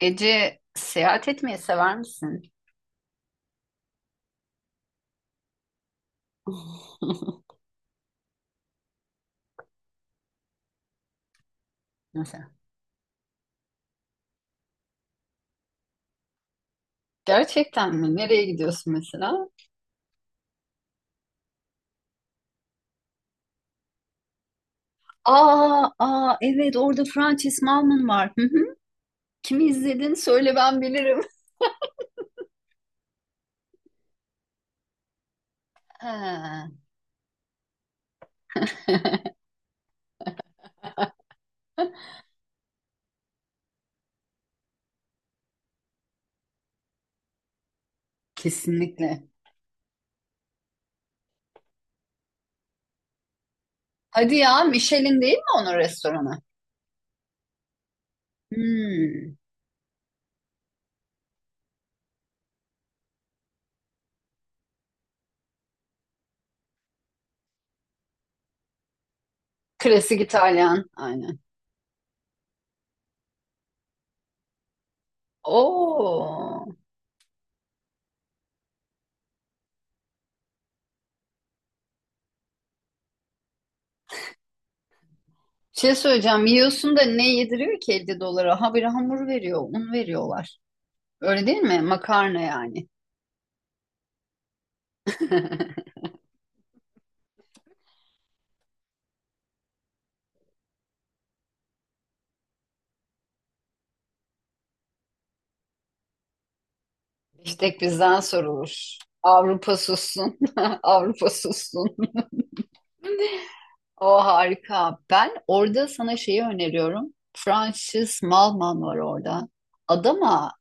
Ece seyahat etmeyi sever misin? Mesela. Gerçekten mi? Nereye gidiyorsun mesela? Aa, evet orada Frances Malman var. Hı hı. Kimi izledin? Söyle ben bilirim. Ha, kesinlikle. Hadi ya Michelin değil mi onun restoranı? Hmm. Klasik İtalyan. Aynen. Oo. Şey söyleyeceğim. Yiyorsun da ne yediriyor ki 50 dolara? Ha bir hamur veriyor, un veriyorlar. Öyle değil mi? Makarna yani. İstek bizden sorulur. Avrupa sussun. Avrupa sussun. O harika. Ben orada sana şeyi öneriyorum. Francis Malman var orada. Adama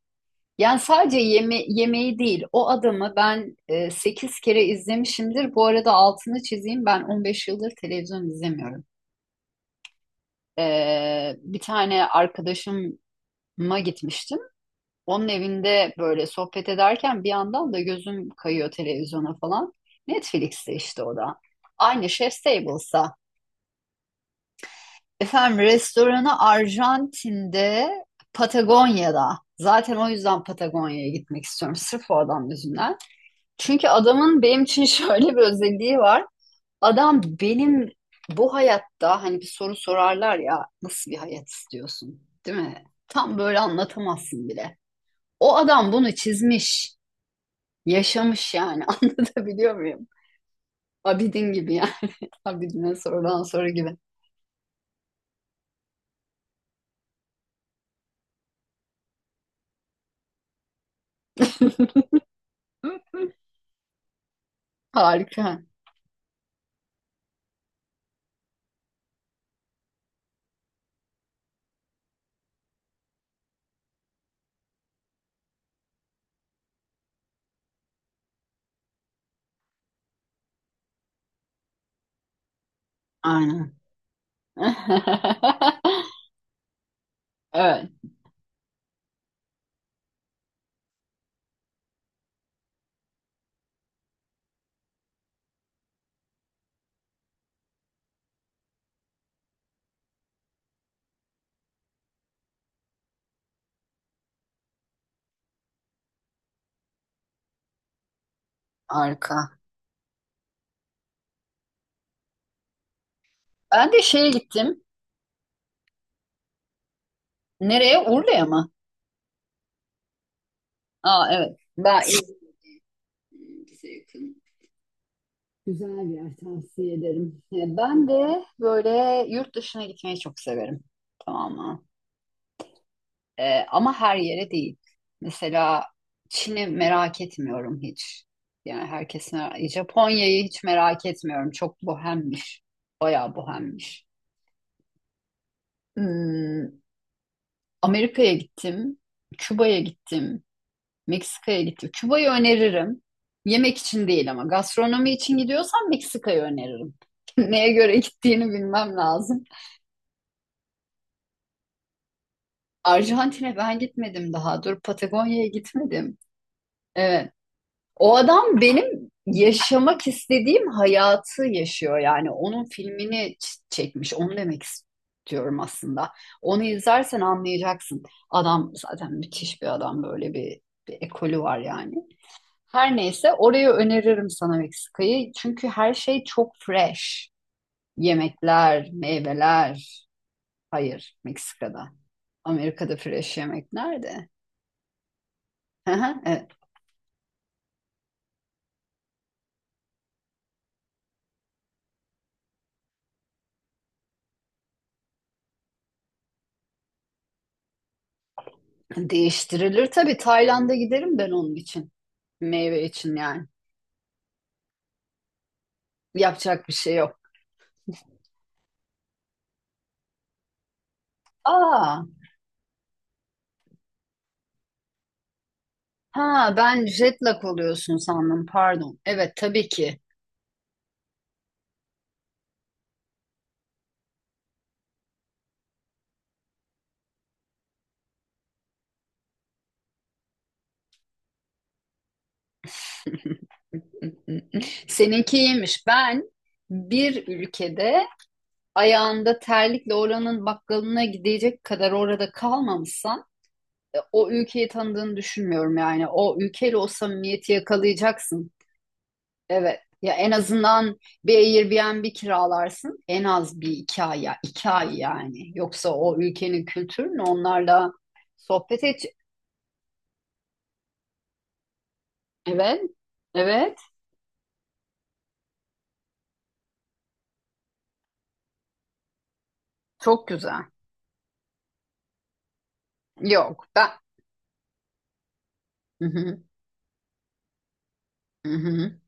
yani sadece yeme yemeği değil o adamı ben 8 kere izlemişimdir. Bu arada altını çizeyim ben 15 yıldır televizyon izlemiyorum. Bir tane arkadaşıma gitmiştim. Onun evinde böyle sohbet ederken bir yandan da gözüm kayıyor televizyona falan. Netflix'te işte o da. Aynı Chef's Table'sa. Efendim restoranı Arjantin'de, Patagonya'da. Zaten o yüzden Patagonya'ya gitmek istiyorum. Sırf o adam yüzünden. Çünkü adamın benim için şöyle bir özelliği var. Adam benim bu hayatta hani bir soru sorarlar ya nasıl bir hayat istiyorsun, değil mi? Tam böyle anlatamazsın bile. O adam bunu çizmiş. Yaşamış yani anlatabiliyor muyum? Abidin gibi yani. Abidin'e sorulan soru gibi. Harika. Aynen. Evet. Harika. Ben de şeye gittim. Nereye? Urla'ya mı? Aa evet. Ben bize yakın. Güzel bir yer tavsiye ederim. Ben de böyle yurt dışına gitmeyi çok severim. Tamam mı? Ama her yere değil. Mesela Çin'i merak etmiyorum hiç. Yani herkes merak... Japonya'yı hiç merak etmiyorum. Çok bohemmiş. Bayağı bohemmiş. Hmm, Amerika'ya gittim. Küba'ya gittim. Meksika'ya gittim. Küba'yı öneririm. Yemek için değil ama gastronomi için gidiyorsan Meksika'yı öneririm. Neye göre gittiğini bilmem lazım. Arjantin'e ben gitmedim daha. Dur Patagonya'ya gitmedim. Ee, O adam benim yaşamak istediğim hayatı yaşıyor yani. Onun filmini çekmiş. Onu demek istiyorum aslında. Onu izlersen anlayacaksın. Adam zaten müthiş bir adam. Böyle bir ekolü var yani. Her neyse orayı öneririm sana Meksika'yı. Çünkü her şey çok fresh. Yemekler, meyveler. Hayır, Meksika'da. Amerika'da fresh yemek nerede? Değiştirilir. Tabii Tayland'a giderim ben onun için. Meyve için yani. Yapacak bir şey yok. Aa, ha ben jet lag oluyorsun sandım. Pardon. Evet tabii ki. Seninki iyiymiş. Ben bir ülkede ayağında terlikle oranın bakkalına gidecek kadar orada kalmamışsan o ülkeyi tanıdığını düşünmüyorum yani. O ülkeyle o samimiyeti yakalayacaksın. Evet. Ya en azından bir Airbnb kiralarsın. En az bir iki ay ya. 2 ay yani. Yoksa o ülkenin kültürünü onlarla sohbet et. Evet. Evet. Çok güzel. Yok. Ben. Hı hı, hı hı.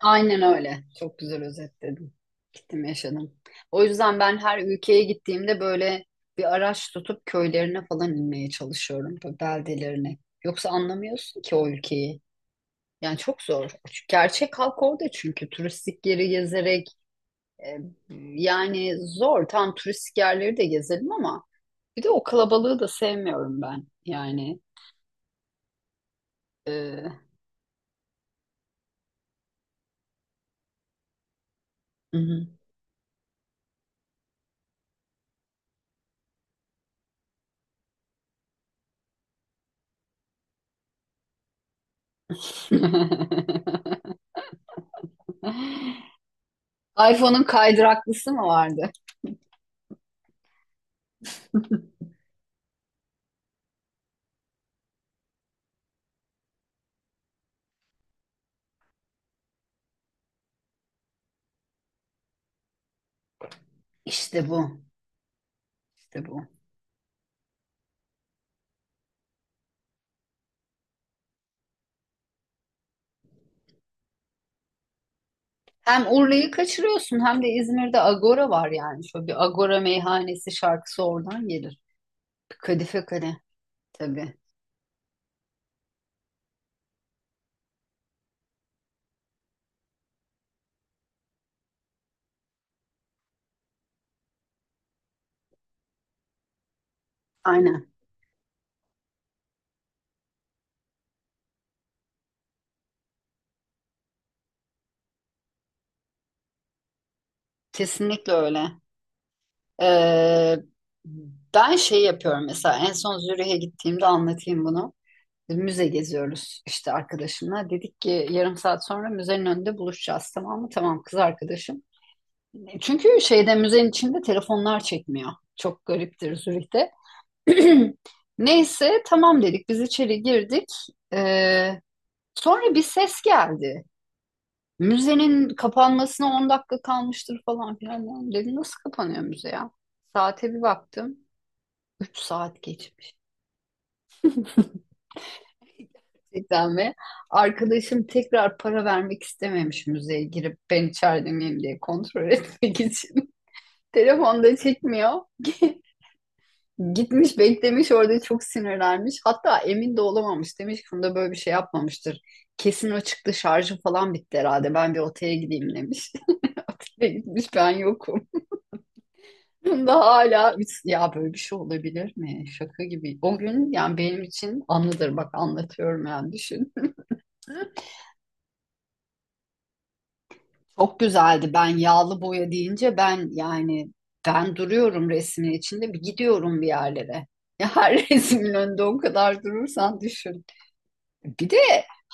Aynen öyle. Çok güzel özetledin. Gittim yaşadım. O yüzden ben her ülkeye gittiğimde böyle bir araç tutup köylerine falan inmeye çalışıyorum. Böyle beldelerine. Yoksa anlamıyorsun ki o ülkeyi. Yani çok zor. Gerçek halk orada çünkü turistik yeri gezerek e, yani zor. Tam turistik yerleri de gezelim ama bir de o kalabalığı da sevmiyorum ben. Yani e, hı hı. iPhone'un kaydıraklısı mı vardı? İşte bu. İşte bu. Hem Urla'yı kaçırıyorsun hem de İzmir'de Agora var yani. Şöyle bir Agora meyhanesi şarkısı oradan gelir. Kadife Kale tabii. Aynen. Kesinlikle öyle. Ee, ben şey yapıyorum mesela en son Zürih'e gittiğimde anlatayım bunu. Müze geziyoruz işte arkadaşımla. Dedik ki yarım saat sonra müzenin önünde buluşacağız tamam mı? Tamam kız arkadaşım. Çünkü şeyde müzenin içinde telefonlar çekmiyor. Çok gariptir Zürih'te. Neyse tamam dedik biz içeri girdik. Ee, sonra bir ses geldi. Müzenin kapanmasına 10 dakika kalmıştır falan filan. Dedim nasıl kapanıyor müze ya? Saate bir baktım. 3 saat geçmiş. Gerçekten ve arkadaşım tekrar para vermek istememiş müzeye girip ben içeride miyim diye kontrol etmek için. Telefonda çekmiyor. Gitmiş beklemiş orada çok sinirlenmiş. Hatta emin de olamamış. Demiş ki Funda böyle bir şey yapmamıştır. Kesin o çıktı şarjı falan bitti herhalde. Ben bir otele gideyim demiş. Otele gitmiş ben yokum. Funda hala ya böyle bir şey olabilir mi? Şaka gibi. O gün yani benim için anıdır bak anlatıyorum yani düşün. Çok güzeldi. Ben yağlı boya deyince ben yani ben duruyorum resmin içinde bir gidiyorum bir yerlere. Ya her resmin önünde o kadar durursan düşün. Bir de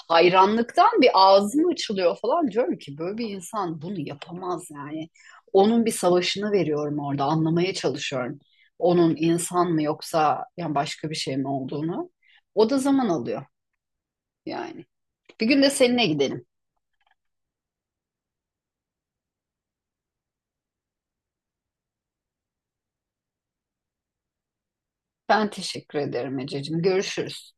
hayranlıktan bir ağzım açılıyor falan diyorum ki böyle bir insan bunu yapamaz yani. Onun bir savaşını veriyorum orada anlamaya çalışıyorum. Onun insan mı yoksa yani başka bir şey mi olduğunu. O da zaman alıyor yani. Bir gün de seninle gidelim. Ben teşekkür ederim Ececiğim. Görüşürüz.